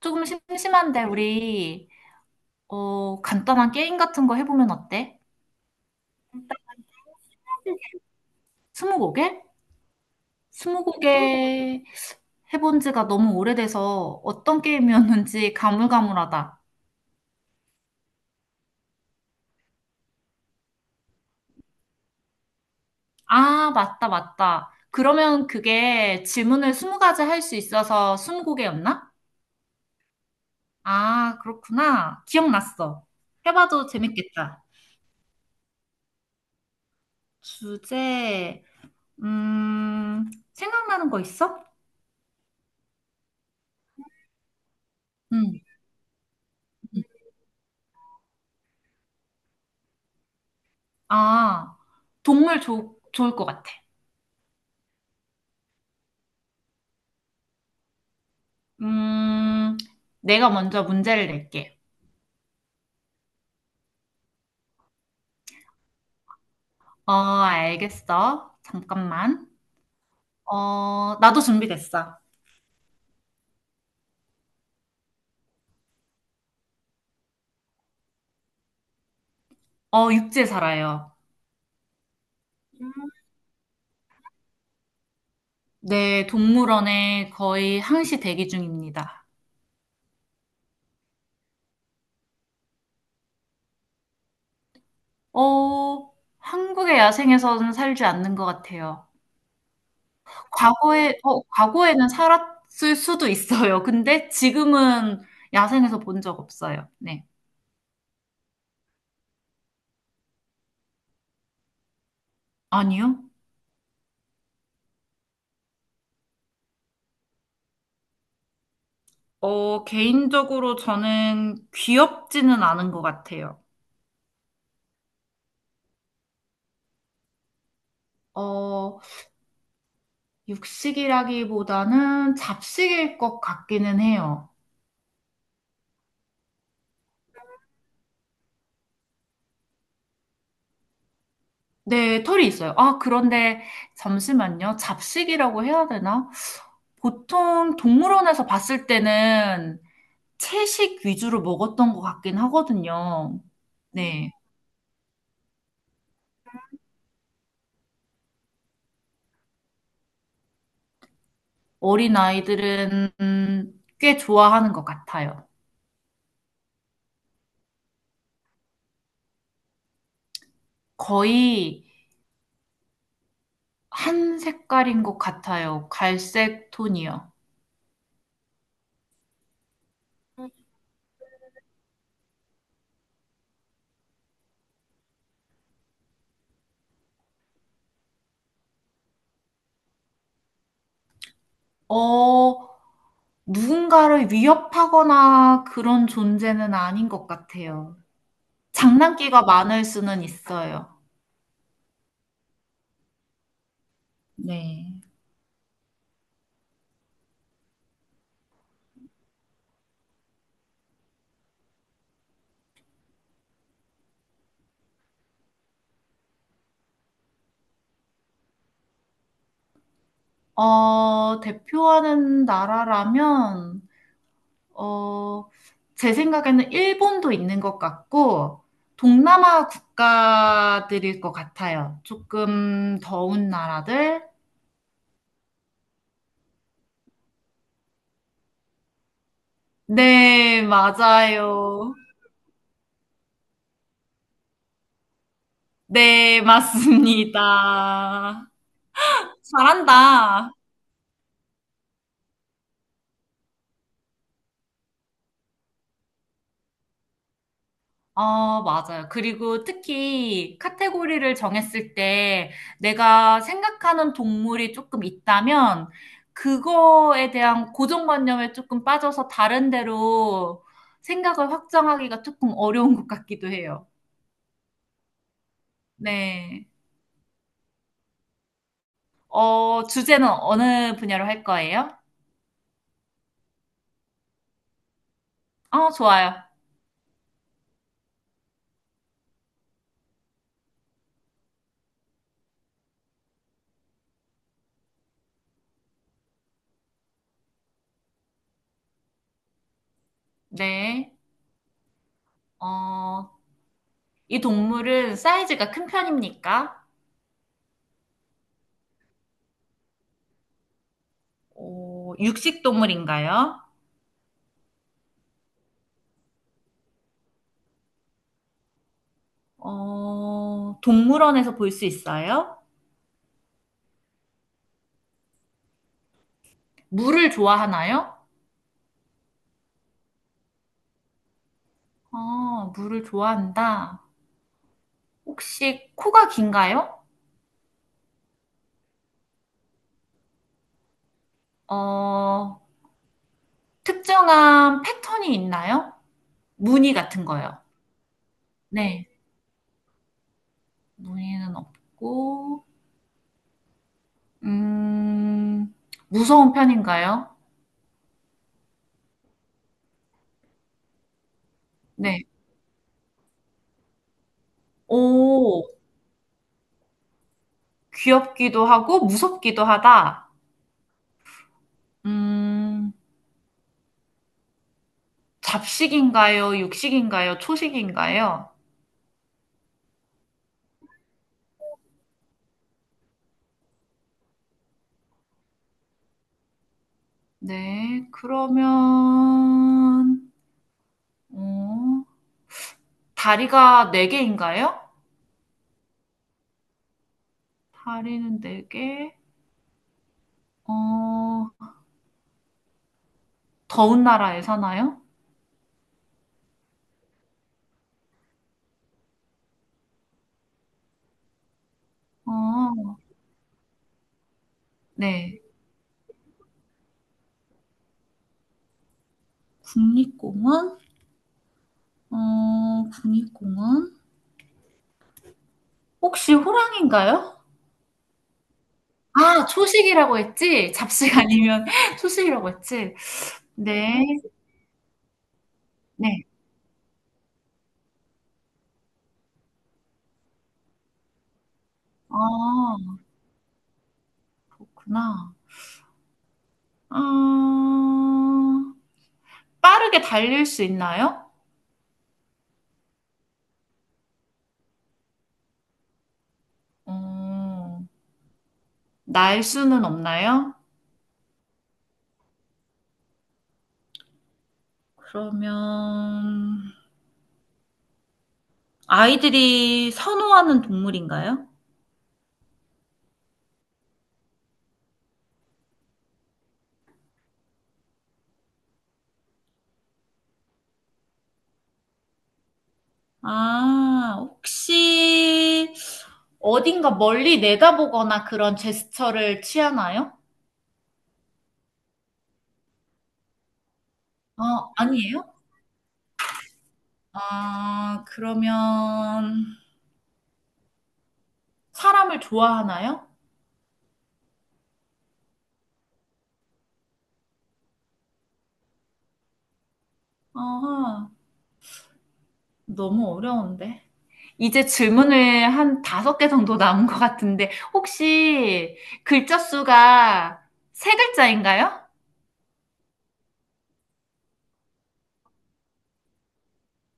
조금 심심한데 우리 간단한 게임 같은 거 해보면 어때? 스무고개? 스무고개 해본 지가 너무 오래돼서 어떤 게임이었는지 가물가물하다. 아, 맞다, 맞다. 그러면 그게 질문을 스무 가지 할 수 있어서 스무고개였나? 아, 그렇구나. 기억났어. 해봐도 재밌겠다. 주제, 음, 생각나는 거 있어? 응. 아, 동물 좋 좋을 것 같아. 음, 내가 먼저 문제를 낼게. 어, 알겠어. 잠깐만. 어, 나도 준비됐어. 육지에 살아요. 네, 동물원에 거의 항시 대기 중입니다. 어, 한국의 야생에서는 살지 않는 것 같아요. 과거에는 살았을 수도 있어요. 근데 지금은 야생에서 본 적 없어요. 네. 아니요. 개인적으로 저는 귀엽지는 않은 것 같아요. 어, 육식이라기보다는 잡식일 것 같기는 해요. 네, 털이 있어요. 아, 그런데 잠시만요. 잡식이라고 해야 되나? 보통 동물원에서 봤을 때는 채식 위주로 먹었던 것 같긴 하거든요. 네. 어린 아이들은 꽤 좋아하는 것 같아요. 거의 한 색깔인 것 같아요. 갈색 톤이요. 어, 누군가를 위협하거나 그런 존재는 아닌 것 같아요. 장난기가 많을 수는 있어요. 네. 대표하는 나라라면, 어, 제 생각에는 일본도 있는 것 같고, 동남아 국가들일 것 같아요. 조금 더운 나라들? 네, 맞아요. 네, 맞습니다. 잘한다. 어, 맞아요. 그리고 특히 카테고리를 정했을 때 내가 생각하는 동물이 조금 있다면 그거에 대한 고정관념에 조금 빠져서 다른 데로 생각을 확장하기가 조금 어려운 것 같기도 해요. 네. 주제는 어느 분야로 할 거예요? 어, 좋아요. 네. 어, 이 동물은 사이즈가 큰 편입니까? 육식 동물인가요? 동물원에서 볼 수 있어요? 물을 좋아하나요? 어, 물을 좋아한다. 혹시 코가 긴가요? 어, 특정한 패턴이 있나요? 무늬 같은 거요. 네, 무늬는 없고, 음, 무서운 편인가요? 네. 오, 귀엽기도 하고, 무섭기도 하다. 음, 잡식인가요? 육식인가요? 초식인가요? 네, 그러면, 어, 다리가 네개인가요? 다리는 네개. 어, 더운 나라에 사나요? 어, 네. 국립공원? 어, 국립공원? 혹시 호랑인가요? 아, 초식이라고 했지? 잡식 아니면 초식이라고 했지? 네, 네. 아, 그렇구나. 아, 빠르게 달릴 수 있나요? 어, 날 수는 없나요? 그러면 아이들이 선호하는 동물인가요? 아, 혹시 어딘가 멀리 내다보거나 그런 제스처를 취하나요? 어, 아니에요? 아, 그러면 사람을 좋아하나요? 아, 너무 어려운데. 이제 질문을 한 다섯 개 정도 남은 것 같은데, 혹시 글자 수가 세 글자인가요?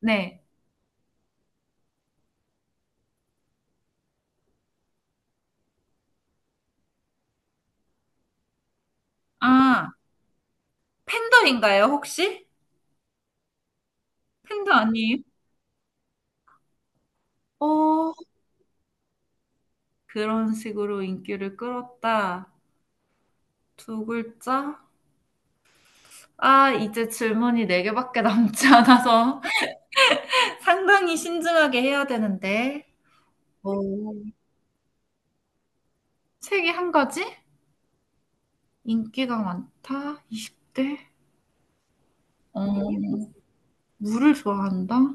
네. 아, 팬더인가요, 혹시? 팬더 아니에요? 어, 그런 식으로 인기를 끌었다. 두 글자? 아, 이제 질문이 네 개밖에 남지 않아서 상당히 신중하게 해야 되는데. 오, 책이 한 가지? 인기가 많다. 20대? 어, 물을 좋아한다.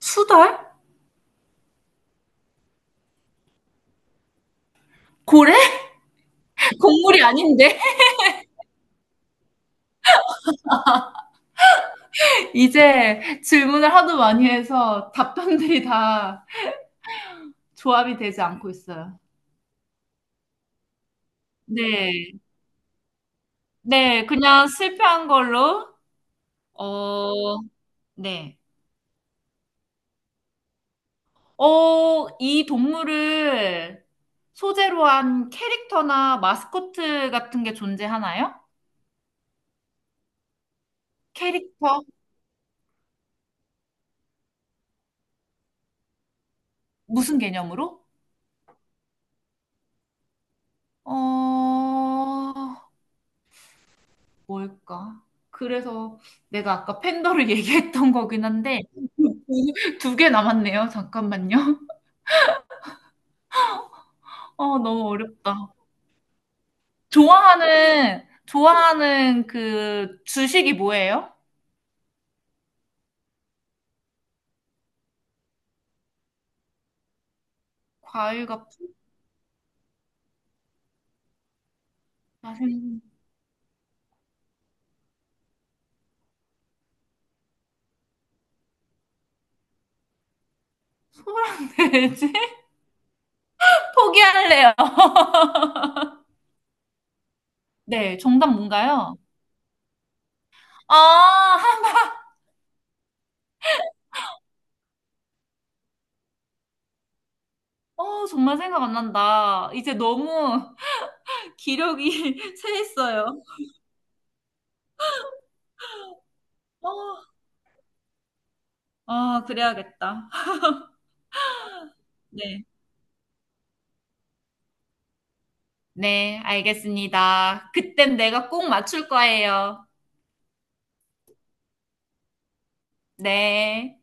수달? 고래? 곡물이 아닌데? 이제 질문을 하도 많이 해서 답변들이 다 조합이 되지 않고 있어요. 네. 네, 그냥 실패한 걸로. 어, 네. 이 동물을 소재로 한 캐릭터나 마스코트 같은 게 존재하나요? 캐릭터? 무슨 개념으로? 어, 뭘까? 그래서 내가 아까 팬더를 얘기했던 거긴 한데, 두 개 남았네요. 잠깐만요. 어, 너무 어렵다. 좋아하는, 좋아하는 그 주식이 뭐예요? 과일과 아, 소랑 돼지? 포기할래요. 네, 정답 뭔가요? 아, 하- 어, 정말 생각 안 난다. 이제 너무 기력이 새했어요. 어, 아, 그래야겠다. 네. 네, 알겠습니다. 그땐 내가 꼭 맞출 거예요. 네.